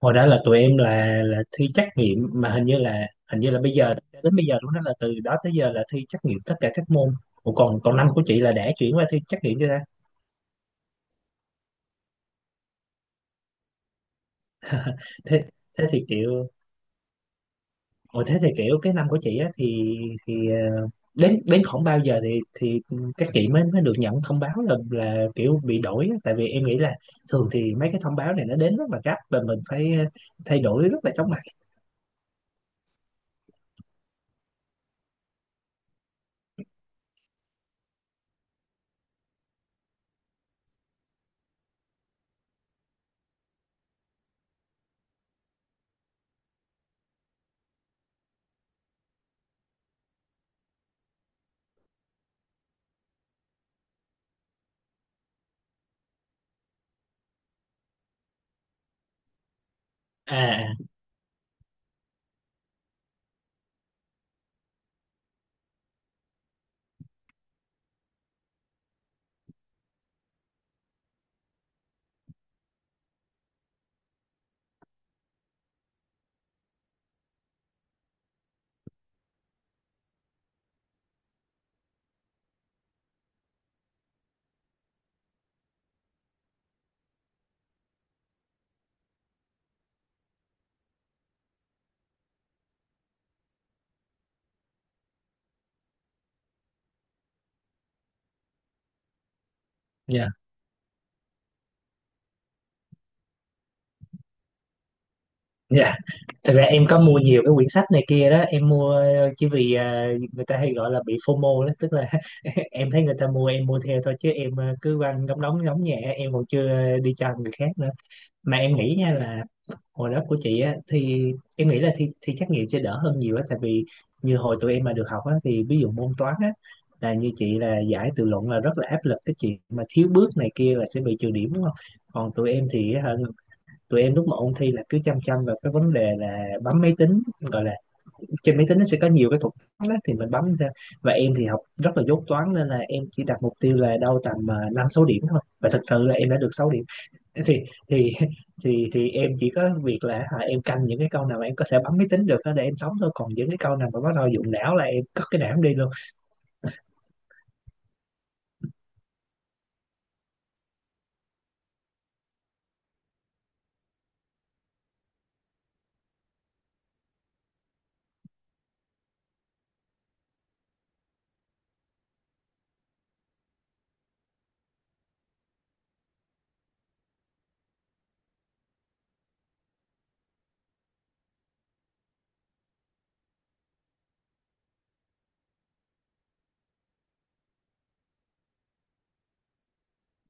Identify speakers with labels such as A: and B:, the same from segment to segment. A: Hồi đó là tụi em là thi trắc nghiệm, mà hình như là bây giờ, đến bây giờ luôn đó, là từ đó tới giờ là thi trắc nghiệm tất cả các môn. Ủa, còn còn năm của chị là đã chuyển qua thi trắc nghiệm chưa ta? Thế thế thì kiểu Ồ, thế thì kiểu cái năm của chị á, thì ờ, đến đến khoảng bao giờ thì các chị mới mới được nhận thông báo là kiểu bị đổi á? Tại vì em nghĩ là thường thì mấy cái thông báo này nó đến rất là gấp, và mình phải thay đổi rất là chóng mặt. À. Dạ. Dạ. Thật ra em có mua nhiều cái quyển sách này kia đó, em mua chỉ vì người ta hay gọi là bị FOMO đó, tức là em thấy người ta mua, em mua theo thôi, chứ em cứ quanh đóng đóng đóng nhẹ, em còn chưa đi cho người khác nữa. Mà em nghĩ nha, là hồi đó của chị á thì em nghĩ là thi thi trắc nghiệm sẽ đỡ hơn nhiều á, tại vì như hồi tụi em mà được học á, thì ví dụ môn toán á, là như chị là giải tự luận là rất là áp lực, cái chuyện mà thiếu bước này kia là sẽ bị trừ điểm đúng không. Còn tụi em thì hả, tụi em lúc mà ôn thi là cứ chăm chăm vào cái vấn đề là bấm máy tính, gọi là trên máy tính nó sẽ có nhiều cái thuật toán đó thì mình bấm ra. Và em thì học rất là dốt toán, nên là em chỉ đặt mục tiêu là đâu tầm năm sáu điểm thôi, và thật sự là em đã được 6 điểm. Thì thì em chỉ có việc là hả, em canh những cái câu nào mà em có thể bấm máy tính được đó để em sống thôi, còn những cái câu nào mà bắt đầu dụng não là em cất cái não em đi luôn.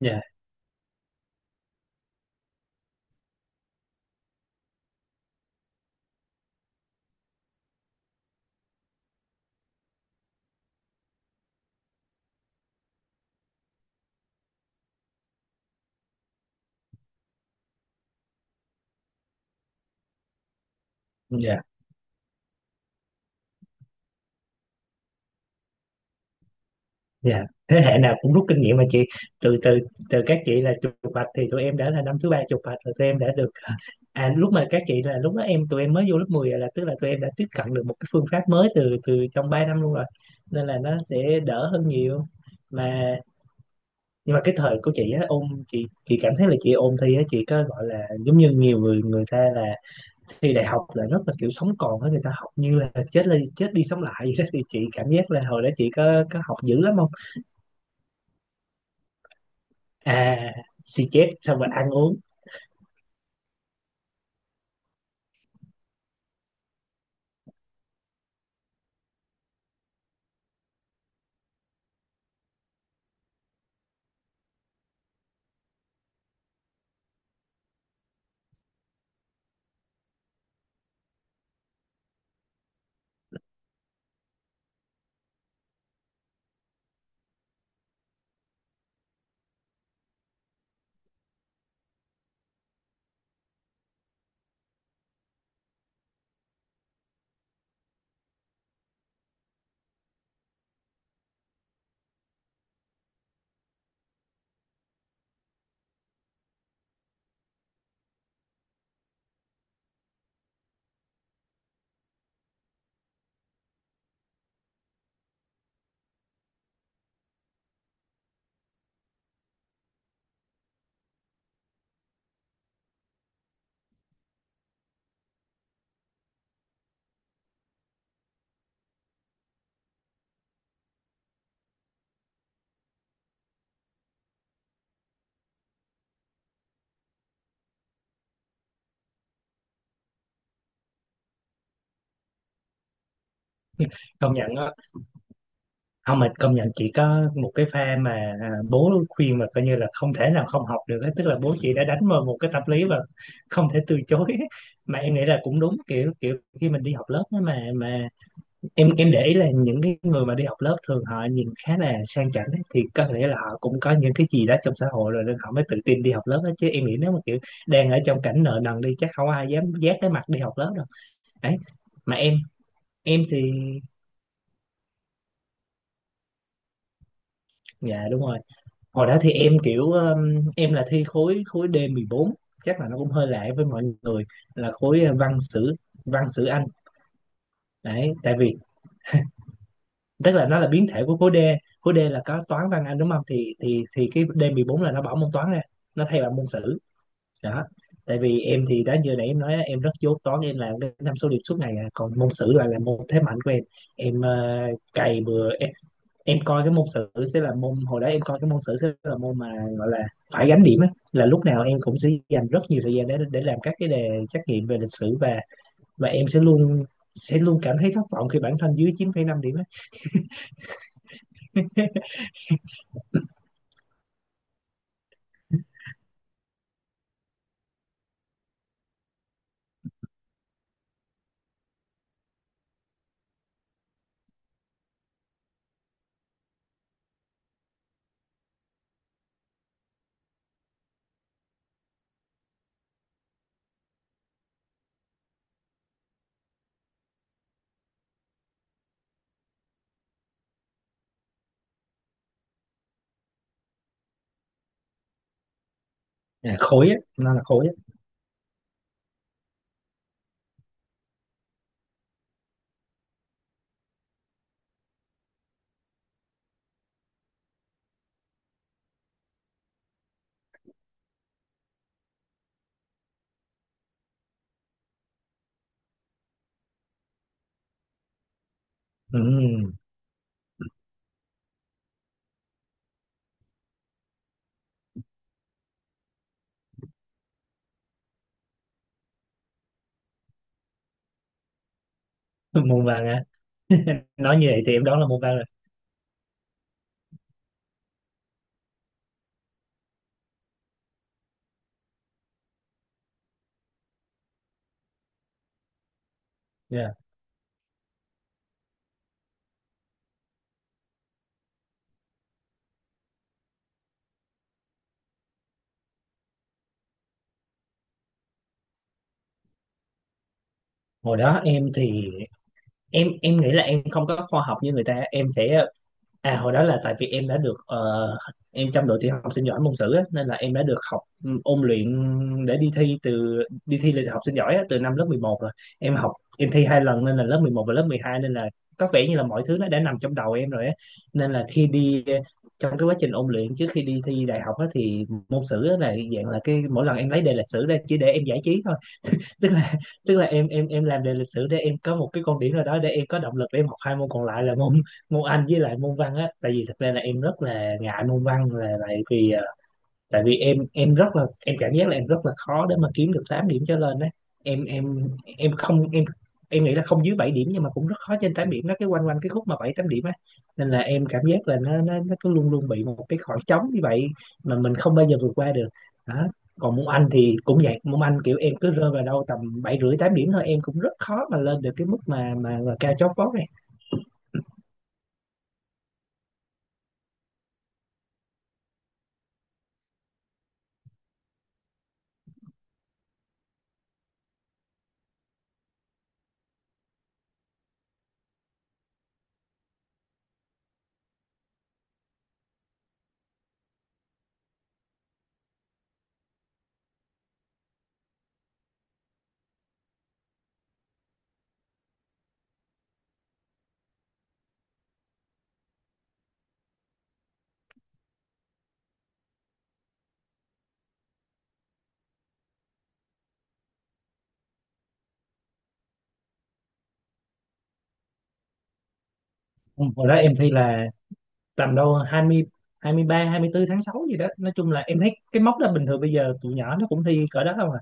A: Dạ, dạ, dạ, thế hệ nào cũng rút kinh nghiệm mà chị. Từ từ từ các chị là chụp bạch thì tụi em đã là năm thứ ba chụp bạch rồi, tụi em đã được. À, lúc mà các chị là lúc đó tụi em mới vô lớp 10 rồi, là tức là tụi em đã tiếp cận được một cái phương pháp mới từ từ trong 3 năm luôn rồi. Nên là nó sẽ đỡ hơn nhiều. Mà, nhưng mà cái thời của chị á, ôn chị cảm thấy là chị ôn thi á, chị có gọi là giống như nhiều người người ta là, thi đại học là rất là kiểu sống còn á, người ta học như là chết đi sống lại vậy đó, thì chị cảm giác là hồi đó chị có học dữ lắm không? À, xì, chết xong rồi ăn uống. Công nhận. Không, mà công nhận chị có một cái pha mà, à, bố khuyên mà coi như là không thể nào không học được ấy. Tức là bố chị đã đánh vào một cái tâm lý và không thể từ chối. Mà em nghĩ là cũng đúng, kiểu kiểu khi mình đi học lớp á, mà em để ý là những cái người mà đi học lớp thường họ nhìn khá là sang chảnh ấy, thì có thể là họ cũng có những cái gì đó trong xã hội rồi nên họ mới tự tin đi học lớp đó, chứ em nghĩ nếu mà kiểu đang ở trong cảnh nợ nần đi, chắc không ai dám vác cái mặt đi học lớp đâu. Đấy. Mà em thì, dạ, đúng rồi, hồi đó thì em kiểu em là thi khối khối D14, chắc là nó cũng hơi lạ với mọi người, là khối văn sử, văn sử Anh. Đấy tại vì, tức là nó là biến thể của khối D. Khối D là có toán văn Anh đúng không, thì thì cái D14 là nó bỏ môn toán ra, nó thay bằng môn sử đó. Tại vì em thì, đã giờ nãy em nói á, em rất dốt toán, em làm cái năm số điểm suốt ngày à. Còn môn sử là môn thế mạnh của em. Em cày bừa. Em coi cái môn sử sẽ là môn Hồi đó em coi cái môn sử sẽ là môn mà, gọi là phải gánh điểm á, là lúc nào em cũng sẽ dành rất nhiều thời gian để làm các cái đề trắc nghiệm về lịch sử, và em sẽ luôn cảm thấy thất vọng khi bản thân dưới 9,5 điểm á. À, khối á, nó là khối á. Ừ. Môn văn á. Nói như vậy thì em đoán là môn văn rồi. Dạ. Hồi đó em thì, em nghĩ là em không có khoa học như người ta, em sẽ, à hồi đó là tại vì em trong đội tiểu học sinh giỏi môn sử á, nên là em đã được học ôn luyện để đi thi lịch học sinh giỏi á, từ năm lớp 11 rồi. Em học em thi 2 lần nên là lớp 11 và lớp 12, nên là có vẻ như là mọi thứ nó đã nằm trong đầu em rồi á. Nên là trong cái quá trình ôn luyện trước khi đi thi đại học á, thì môn sử á, là dạng là cái mỗi lần em lấy đề lịch sử ra chỉ để em giải trí thôi, tức là tức là em làm đề lịch sử để em có một cái con điểm nào đó để em có động lực để em học hai môn còn lại, là môn môn Anh với lại môn văn á. Tại vì thật ra là em rất là ngại môn văn, là tại vì em rất là, em cảm giác là em rất là khó để mà kiếm được 8 điểm trở lên đấy. Em em em không, em nghĩ là không dưới 7 điểm, nhưng mà cũng rất khó trên 8 điểm, nó cái quanh quanh cái khúc mà 7 8 điểm á. Nên là em cảm giác là nó cứ luôn luôn bị một cái khoảng trống như vậy mà mình không bao giờ vượt qua được. Đó, còn môn Anh thì cũng vậy, môn Anh kiểu em cứ rơi vào đâu tầm bảy rưỡi tám điểm thôi, em cũng rất khó mà lên được cái mức mà, mà cao chót vót này. Ừ, hồi đó em thi là tầm đâu hai hai mươi ba, hai mươi bốn tháng 6 gì đó, nói chung là em thấy cái mốc đó bình thường, bây giờ tụi nhỏ nó cũng thi cỡ đó không à.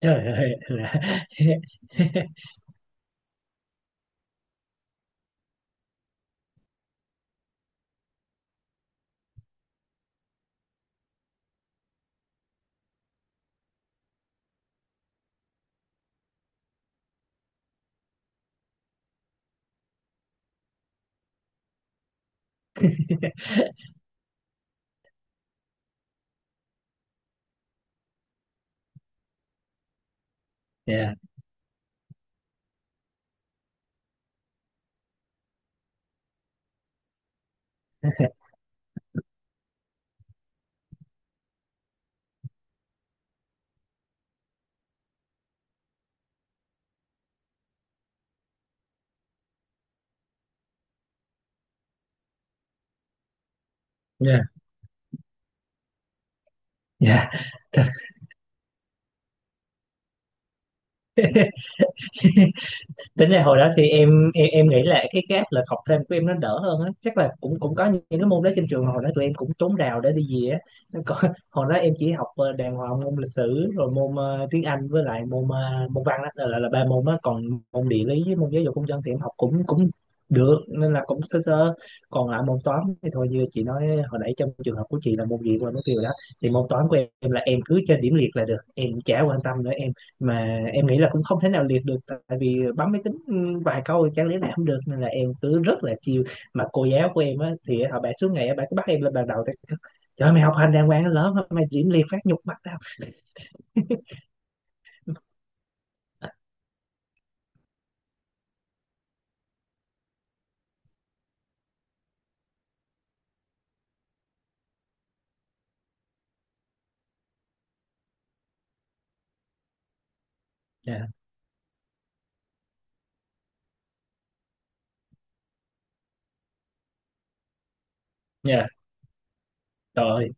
A: Trời ơi là, yeah, yeah, yeah. Tính ra hồi đó thì em nghĩ là cái gap là học thêm của em nó đỡ hơn á, chắc là cũng cũng có những cái môn đó trên trường, hồi đó tụi em cũng trốn rào để đi về á. Nó có- Hồi đó em chỉ học đàng hoàng môn lịch sử, rồi môn tiếng Anh, với lại môn văn đó, là là ba môn á. Còn môn địa lý với môn giáo dục công dân thì em học cũng cũng được, nên là cũng sơ sơ. Còn lại môn toán thì thôi, như chị nói hồi nãy trong trường hợp của chị là môn gì quên mất tiêu rồi đó. Thì môn toán của em là em cứ trên điểm liệt là được, em chả quan tâm nữa, mà em nghĩ là cũng không thể nào liệt được, tại vì bấm máy tính vài câu chẳng lẽ là không được, nên là em cứ rất là chiều. Mà cô giáo của em á thì họ bà suốt ngày á, bà cứ bắt em lên bàn đầu tại, trời ơi, mày học hành đàng hoàng nó lớn mà mày điểm liệt phát nhục mặt tao. Dạ. Dạ. Trời ơi,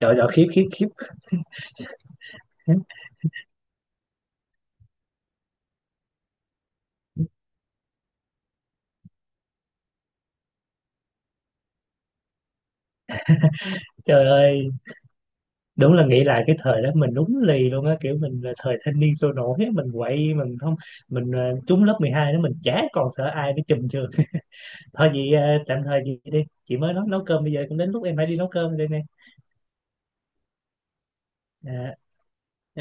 A: trời ơi, khiếp khiếp khiếp. Trời ơi, đúng là nghĩ lại cái thời đó mình đúng lì luôn á, kiểu mình là thời thanh niên sôi nổi á, mình quậy mình không, mình trúng lớp 12 đó mình chả còn sợ ai nữa, chùm trường. Thôi vậy, tạm thời vậy đi chị, mới nấu nấu cơm bây giờ cũng đến lúc em phải đi nấu cơm đây nè. À. Thì